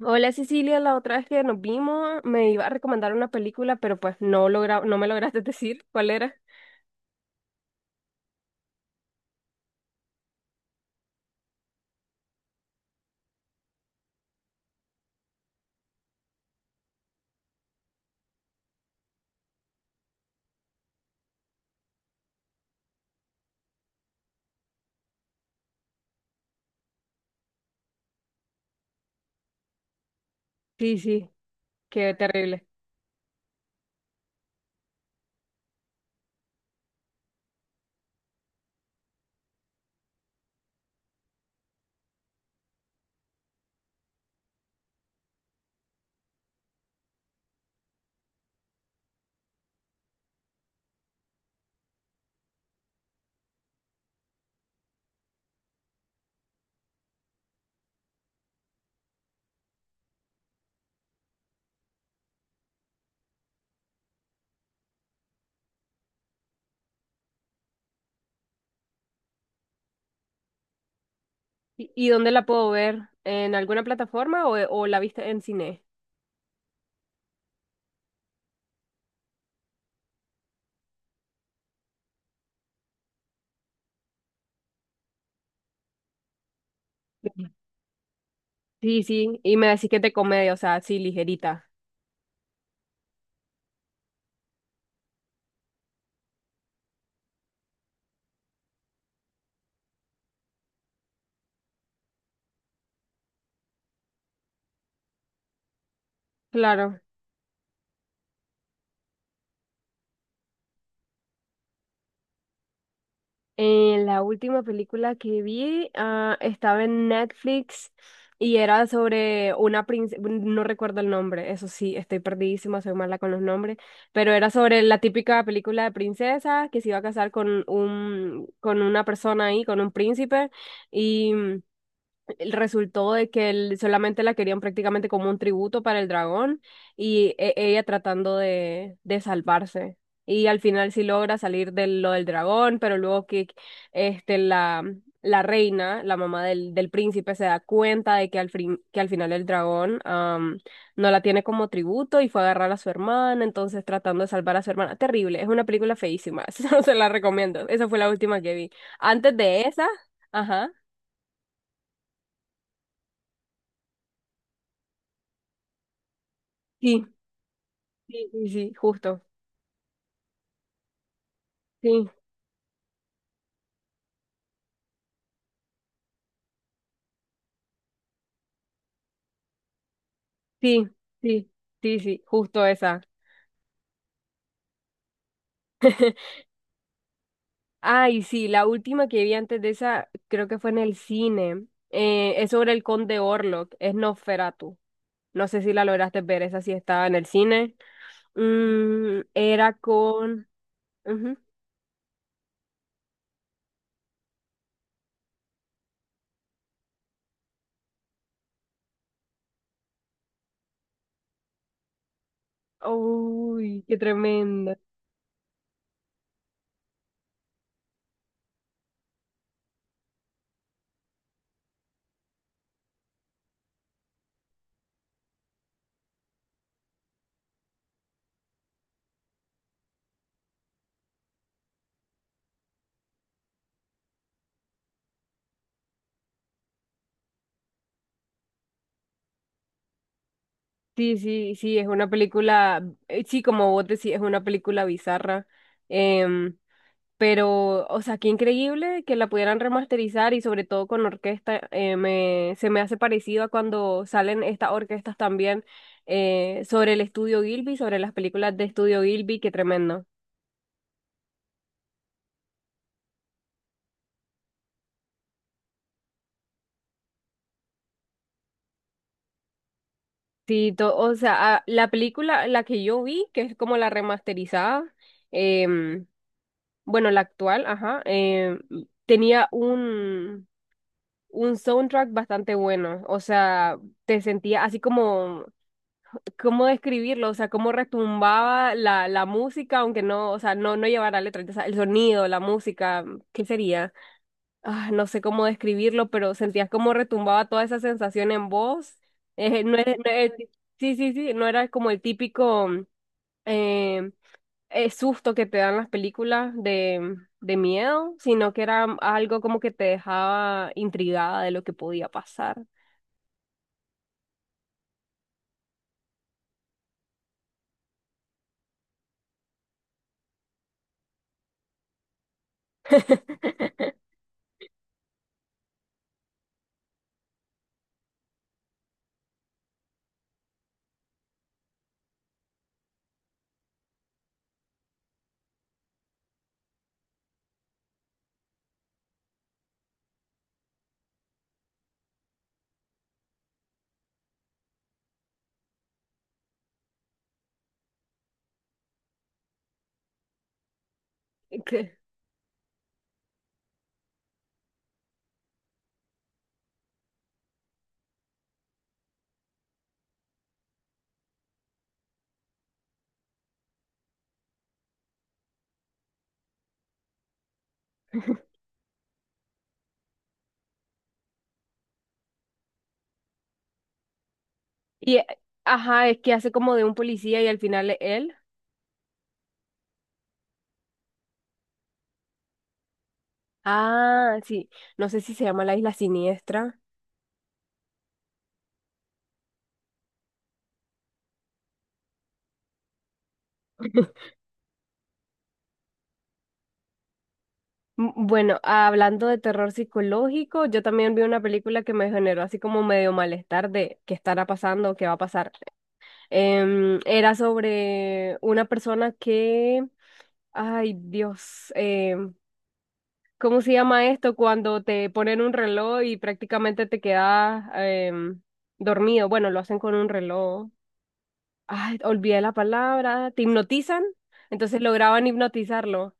Hola Cecilia, la otra vez que nos vimos me iba a recomendar una película, pero pues no logra, no me lograste decir cuál era. Sí, sí, qué terrible. Y dónde la puedo ver? ¿En alguna plataforma o la viste en cine? Sí, sí, y me decís que es de comedia, o sea, así ligerita. Claro. La última película que vi estaba en Netflix y era sobre una princesa. No recuerdo el nombre, eso sí, estoy perdidísima, soy mala con los nombres, pero era sobre la típica película de princesa que se iba a casar con un, con una persona ahí, con un príncipe. Resultó de que él solamente la querían prácticamente como un tributo para el dragón y ella tratando de salvarse. Y al final sí logra salir de lo del dragón, pero luego que la, la reina, la mamá del, del príncipe, se da cuenta de que que al final el dragón no la tiene como tributo y fue a agarrar a su hermana, entonces tratando de salvar a su hermana. Terrible, es una película feísima, no se la recomiendo. Esa fue la última que vi. Antes de esa, ajá. Sí. Sí, sí, sí, justo. Sí, sí, sí, sí, sí, justo esa. Ay, sí, la última que vi antes de esa, creo que fue en el cine. Es sobre el conde Orlok, es Nosferatu. No sé si la lograste ver, esa sí estaba en el cine. Mm, era con... Ujú. Uy, qué tremenda. Sí, sí, sí, es una película, sí, como vos decís, es una película bizarra. Em, Pero, o sea, qué increíble que la pudieran remasterizar y sobre todo con orquesta. Me, se me hace parecido a cuando salen estas orquestas también sobre el estudio Gilby, sobre las películas de estudio Gilby, qué tremendo. Sí, o sea, la película, la que yo vi, que es como la remasterizada, em, bueno, la actual, ajá, tenía un soundtrack bastante bueno. O sea, te sentía así como... Cómo describirlo, o sea, cómo retumbaba la, la música, aunque no, o sea, no, no llevara letra, o sea, el sonido, la música, ¿qué sería? Ah, no sé cómo describirlo, pero sentías cómo retumbaba toda esa sensación en vos. No es- no es- sí, sí, sí, no era como el típico eh, susto que te dan las películas de miedo, sino que era algo como que te dejaba intrigada de lo que podía pasar. ¿Qué? Y, ajá, es que hace como de un policía y al final es él. Ah, sí. No sé si se llama La Isla Siniestra. Bueno, hablando de terror psicológico, yo también vi una película que me generó así como medio malestar de qué estará pasando, qué va a pasar. Era sobre una persona que, ay Dios, em, ¿cómo se llama esto? Cuando te ponen un reloj y prácticamente te quedas em, dormido. Bueno, lo hacen con un reloj. Ay, olvidé la palabra, te hipnotizan, entonces lograban hipnotizarlo.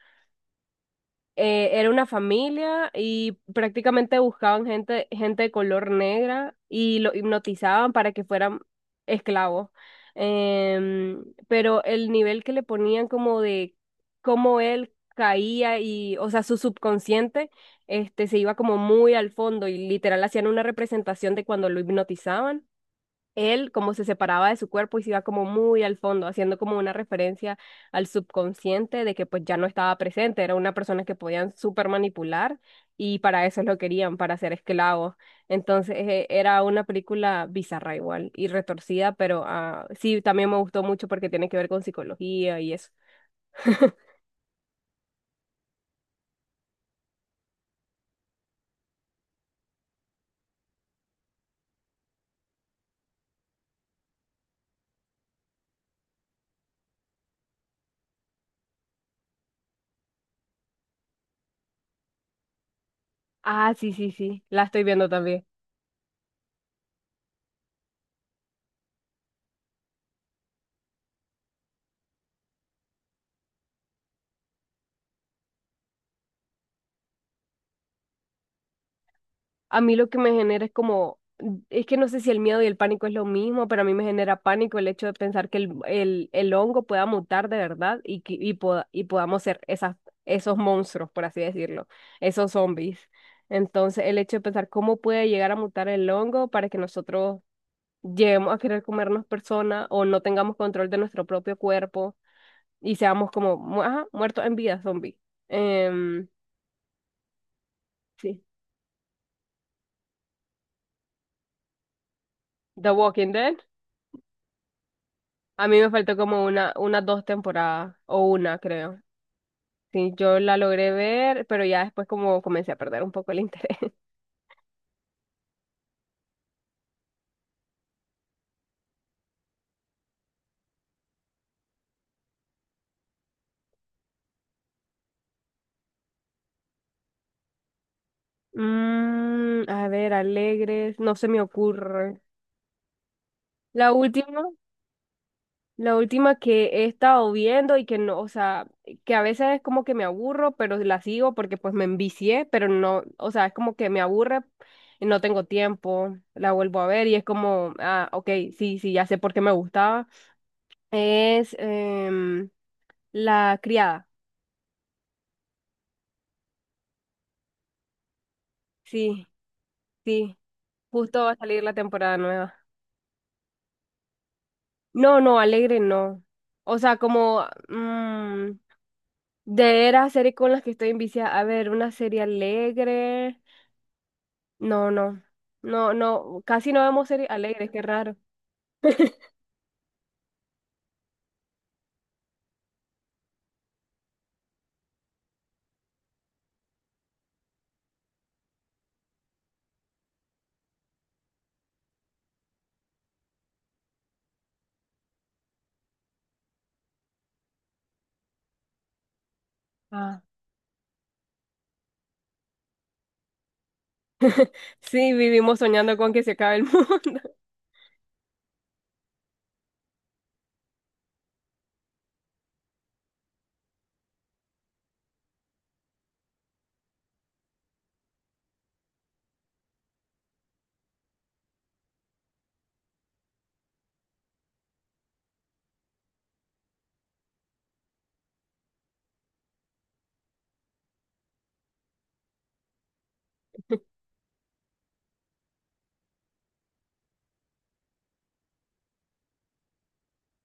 Era una familia y prácticamente buscaban gente, gente de color negra y lo hipnotizaban para que fueran esclavos. Pero el nivel que le ponían como de cómo él caía y, o sea, su subconsciente, se iba como muy al fondo y literal hacían una representación de cuando lo hipnotizaban él como se separaba de su cuerpo y se iba como muy al fondo, haciendo como una referencia al subconsciente de que pues ya no estaba presente, era una persona que podían súper manipular y para eso lo querían, para ser esclavos. Entonces era una película bizarra igual y retorcida, pero sí, también me gustó mucho porque tiene que ver con psicología y eso. Ah, sí, sí, sí, la estoy viendo también. A mí lo que me genera es como, es que no sé si el miedo y el pánico es lo mismo, pero a mí me genera pánico el hecho de pensar que el hongo pueda mutar de verdad y, y, y podamos ser esas, esos monstruos, por así decirlo, esos zombies. Entonces, el hecho de pensar cómo puede llegar a mutar el hongo para que nosotros lleguemos a querer comernos personas o no tengamos control de nuestro propio cuerpo y seamos como, ajá, muertos en vida, zombies. Em, sí. The Walking Dead. A mí me faltó como una, unas dos temporadas, o una, creo. Sí, yo la logré ver, pero ya después como comencé a perder un poco el interés. Mm, a ver, alegres, no se me ocurre. La última, la última que he estado viendo y que no, o sea, que a veces es como que me aburro, pero la sigo porque pues me envicié, pero no, o sea, es como que me aburre y no tengo tiempo, la vuelvo a ver y es como, ah, ok, sí, sí, ya sé por qué me gustaba. Es, La criada. Sí, sí. Justo va a salir la temporada nueva. No, no, alegre no. O sea, como mm, de era serie con las que estoy en vicia. A ver, una serie alegre. No, no. No, no. Casi no vemos series alegres, qué raro. Ah. Sí, vivimos soñando con que se acabe el mundo.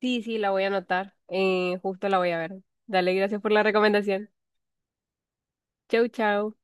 Sí, sí, la voy a anotar. Justo la voy a ver. Dale, gracias por la recomendación. Chau, chau.